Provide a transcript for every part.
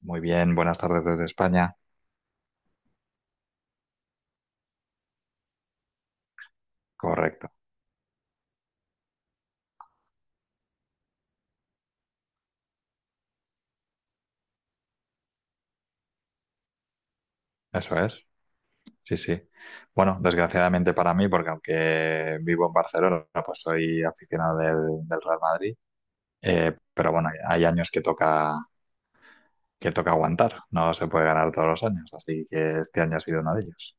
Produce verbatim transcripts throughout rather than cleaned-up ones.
Muy bien, buenas tardes desde España. Correcto, eso es. Sí, sí. Bueno, desgraciadamente para mí, porque aunque vivo en Barcelona, pues soy aficionado del, del Real Madrid. Eh, pero bueno, hay años que toca, que toca aguantar. No se puede ganar todos los años, así que este año ha sido uno de ellos.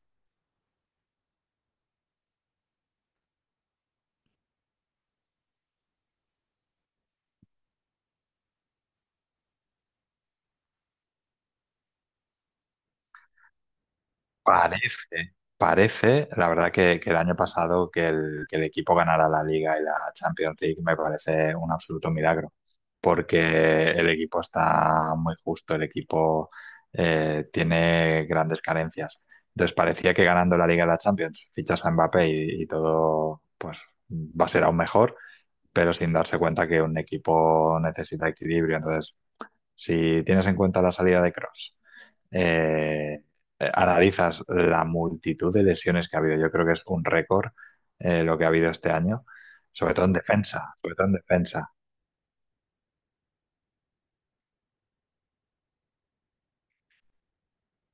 Parece, parece, la verdad que, que el año pasado que el, que el equipo ganara la Liga y la Champions League me parece un absoluto milagro, porque el equipo está muy justo, el equipo eh, tiene grandes carencias. Entonces parecía que ganando la Liga y la Champions fichas a Mbappé y, y todo pues va a ser aún mejor, pero sin darse cuenta que un equipo necesita equilibrio. Entonces, si tienes en cuenta la salida de Cross eh, eh, analizas la multitud de lesiones que ha habido. Yo creo que es un récord eh, lo que ha habido este año, sobre todo en defensa, sobre todo en defensa.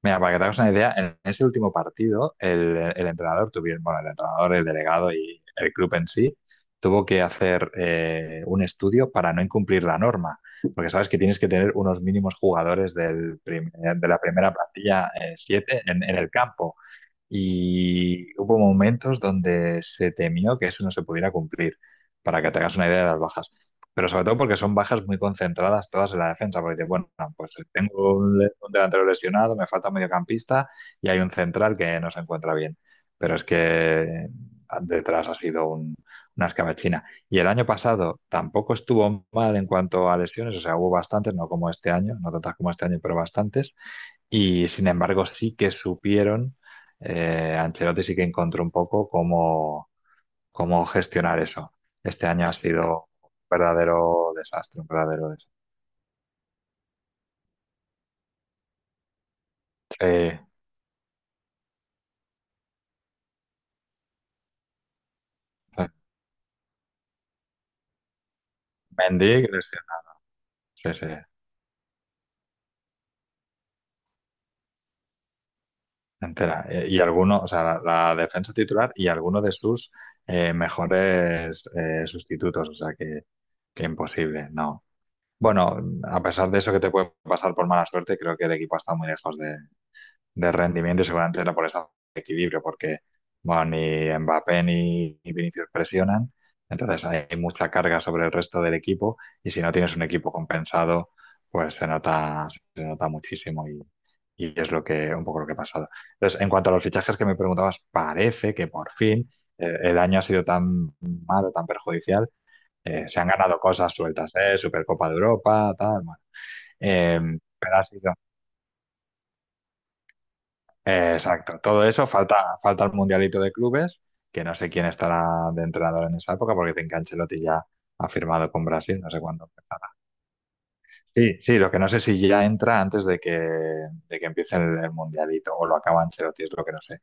Mira, para que te hagas una idea, en ese último partido el, el entrenador tuvieron, bueno, el entrenador, el delegado y el club en sí tuvo que hacer eh, un estudio para no incumplir la norma, porque sabes que tienes que tener unos mínimos jugadores del prim- de la primera plantilla, eh, siete, en, en el campo. Y hubo momentos donde se temió que eso no se pudiera cumplir, para que te hagas una idea de las bajas. Pero sobre todo porque son bajas muy concentradas todas en la defensa, porque dices, bueno, pues tengo un, le- un delantero lesionado, me falta un mediocampista y hay un central que no se encuentra bien. Pero es que ah, detrás ha sido un- una escabechina. Y el año pasado tampoco estuvo mal en cuanto a lesiones, o sea, hubo bastantes, no como este año, no tantas como este año, pero bastantes. Y sin embargo, sí que supieron, eh, Ancelotti sí que encontró un poco cómo, cómo gestionar eso. Este año ha sido un verdadero desastre, un verdadero desastre. Sí, sí. Mendy, Cristiano, sí, sí, entera. Eh, Y alguno, o sea, la, la defensa titular y alguno de sus eh, mejores eh, sustitutos, o sea, que, que imposible, no. Bueno, a pesar de eso que te puede pasar por mala suerte, creo que el equipo ha estado muy lejos de, de rendimiento y seguramente era por esa equilibrio, porque bueno, ni Mbappé ni ni Vinicius presionan, entonces hay mucha carga sobre el resto del equipo y si no tienes un equipo compensado, pues se nota, se nota muchísimo y, y es lo que, un poco lo que ha pasado. Entonces, en cuanto a los fichajes que me preguntabas, parece que por fin eh, el año ha sido tan malo, tan perjudicial, eh, se han ganado cosas sueltas, ¿eh? Supercopa de Europa, tal, bueno. Eh, pero ha sido, Eh, exacto, todo eso, falta, falta el mundialito de clubes, que no sé quién estará de entrenador en esa época, porque Tinka Ancelotti ya ha firmado con Brasil, no sé cuándo empezará. Sí, sí, lo que no sé si ya entra antes de que, de que empiece el, el mundialito, o lo acaba Ancelotti, es lo que no sé.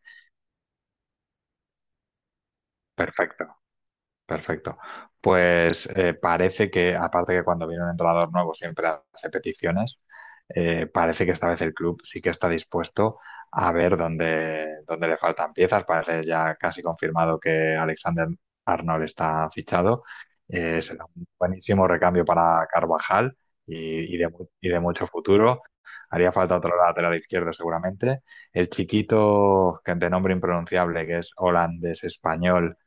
Perfecto. Perfecto. Pues eh, parece que, aparte que cuando viene un entrenador nuevo siempre hace peticiones, eh, parece que esta vez el club sí que está dispuesto a ver dónde, dónde le faltan piezas. Parece ya casi confirmado que Alexander Arnold está fichado. Eh, será un buenísimo recambio para Carvajal y, y de, mu- y de mucho futuro. Haría falta otro lateral izquierdo seguramente. El chiquito que- de nombre impronunciable, que es holandés-español.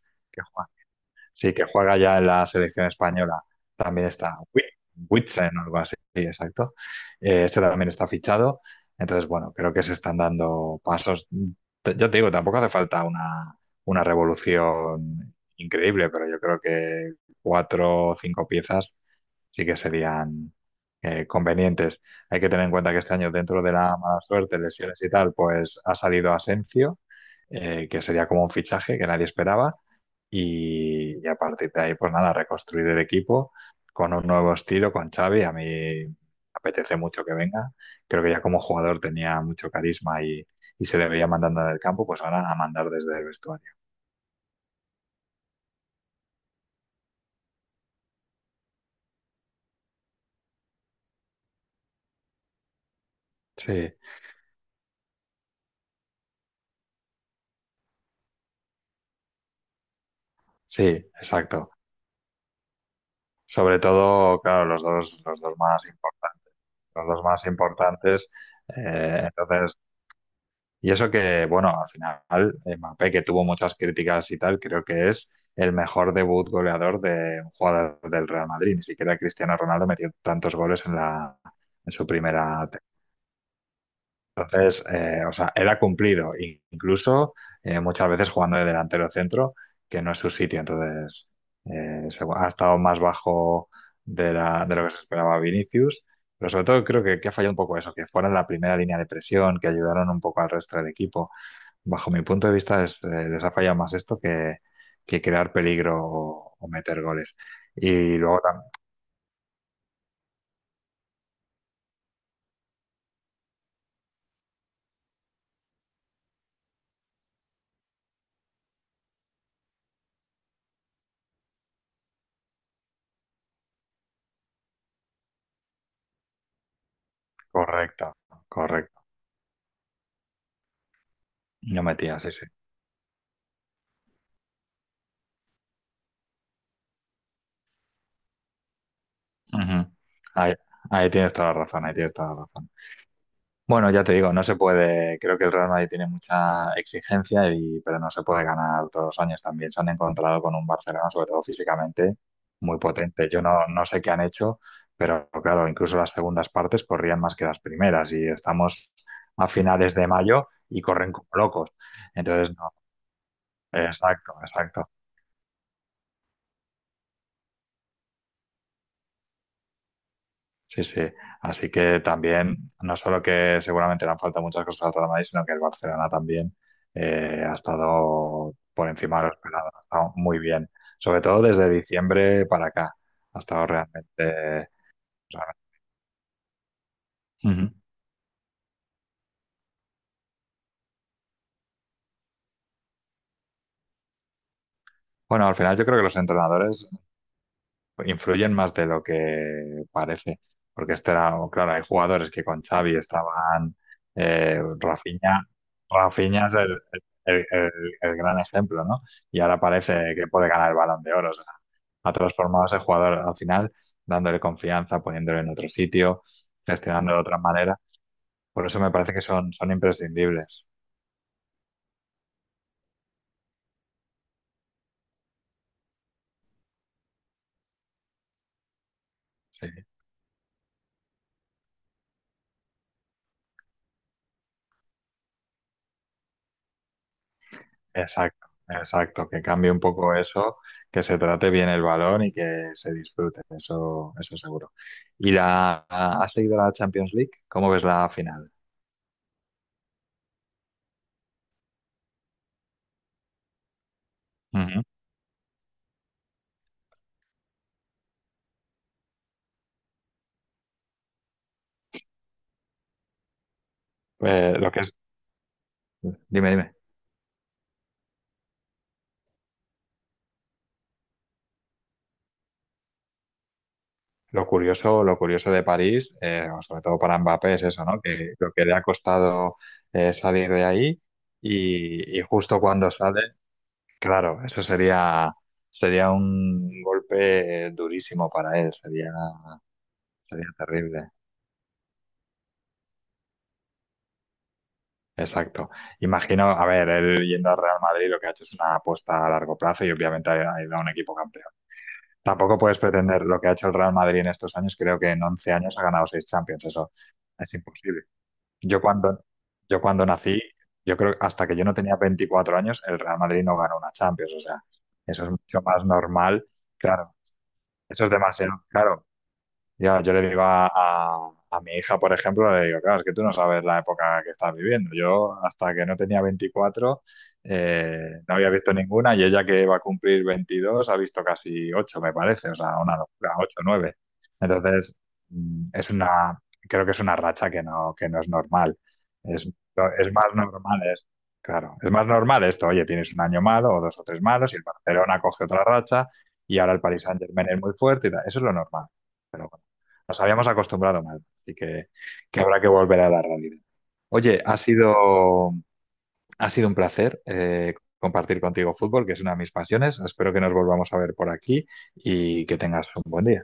Sí, que juega ya en la selección española. También está Wi- Huitzen o algo así, sí, exacto. Eh, este también está fichado. Entonces, bueno, creo que se están dando pasos. T- Yo te digo, tampoco hace falta una, una revolución increíble, pero yo creo que cuatro o cinco piezas sí que serían eh, convenientes. Hay que tener en cuenta que este año, dentro de la mala suerte, lesiones y tal, pues ha salido Asensio, eh, que sería como un fichaje que nadie esperaba. Y, y a partir de ahí, pues nada, reconstruir el equipo con un nuevo estilo, con Xavi. A mí me apetece mucho que venga. Creo que ya como jugador tenía mucho carisma y, y se le veía mandando en el campo, pues ahora a mandar desde el vestuario. Sí, sí, exacto. Sobre todo, claro, los dos, los dos más importantes. Los dos más importantes. eh, entonces, Y eso que, bueno, al final, eh, Mbappé, que tuvo muchas críticas y tal, creo que es el mejor debut goleador de un jugador del Real Madrid. Ni siquiera Cristiano Ronaldo metió tantos goles en la, en su primera. te- Entonces, eh, o sea, era cumplido, in- incluso eh, muchas veces jugando de delantero centro, que no es su sitio. Entonces, eh, se- ha estado más bajo de, la- de lo que se esperaba Vinicius. Pero sobre todo creo que, que ha fallado un poco eso, que fuera la primera línea de presión, que ayudaron un poco al resto del equipo bajo mi punto de vista, es, eh, les ha fallado más esto que, que crear peligro o, o meter goles. Y luego también, correcto, correcto. No metía, sí, sí. Ujú. Ahí, ahí tienes toda la razón, ahí tienes toda la razón. Bueno, ya te digo, no se puede, creo que el Real Madrid tiene mucha exigencia y, pero no se puede ganar todos los años también. Se han encontrado con un Barcelona, sobre todo físicamente, muy potente. Yo no, no sé qué han hecho, pero claro, incluso las segundas partes corrían más que las primeras y estamos a finales de mayo y corren como locos. Entonces, no, exacto, exacto. Sí, sí. Así que también, no solo que seguramente le han faltado muchas cosas al Real Madrid, sino que el Barcelona también eh, ha estado por encima de lo esperado, ha estado muy bien. Sobre todo desde diciembre para acá, ha estado realmente... realmente- Ujú. Bueno, al final yo creo que los entrenadores influyen más de lo que parece, porque este era, claro, hay jugadores que con Xavi estaban, eh, Rafinha, Rafinha es el, el- el- el gran ejemplo, ¿no? Y ahora parece que puede ganar el Balón de Oro, o sea, ha transformado a ese jugador al final, dándole confianza, poniéndolo en otro sitio, gestionando de otra manera, por eso me parece que son, son imprescindibles. Sí. Exacto, exacto, que cambie un poco eso, que se trate bien el balón y que se disfrute, eso, eso seguro. ¿Y la, has seguido la Champions League? ¿Cómo ves la final? Ujú. Eh, lo que es, dime, dime. Lo curioso, lo curioso de París, eh, sobre todo para Mbappé, es eso, ¿no? Que lo que le ha costado eh, salir de ahí y, y justo cuando sale, claro, eso sería, sería un golpe eh, durísimo para él, sería, sería terrible. Exacto. Imagino, a ver, él yendo al Real Madrid lo que ha hecho es una apuesta a largo plazo y obviamente ha ha ido a un equipo campeón. Tampoco puedes pretender lo que ha hecho el Real Madrid en estos años, creo que en once años ha ganado seis Champions, eso es imposible. Yo cuando, yo cuando nací, yo creo que hasta que yo no tenía veinticuatro años, el Real Madrid no ganó una Champions, o sea, eso es mucho más normal, claro, eso es demasiado, claro, ya, yo le digo a, a- a mi hija, por ejemplo, le digo, claro, es que tú no sabes la época que estás viviendo. Yo, hasta que no tenía veinticuatro eh, no había visto ninguna y ella que va a cumplir veintidós ha visto casi ocho me parece, o sea, una locura, ocho nueve. Entonces, mm, es una, creo que es una racha que no, que no es normal. Es, no, es más normal, es, claro, es más normal esto, oye, tienes un año malo o dos o tres malos y el Barcelona coge otra racha y ahora el Paris Saint-Germain es muy fuerte y tal. Eso es lo normal. Pero nos habíamos acostumbrado mal, así que, que habrá que volver a la realidad. Oye, ha sido, ha sido un placer eh, compartir contigo fútbol, que es una de mis pasiones. Espero que nos volvamos a ver por aquí y que tengas un buen día.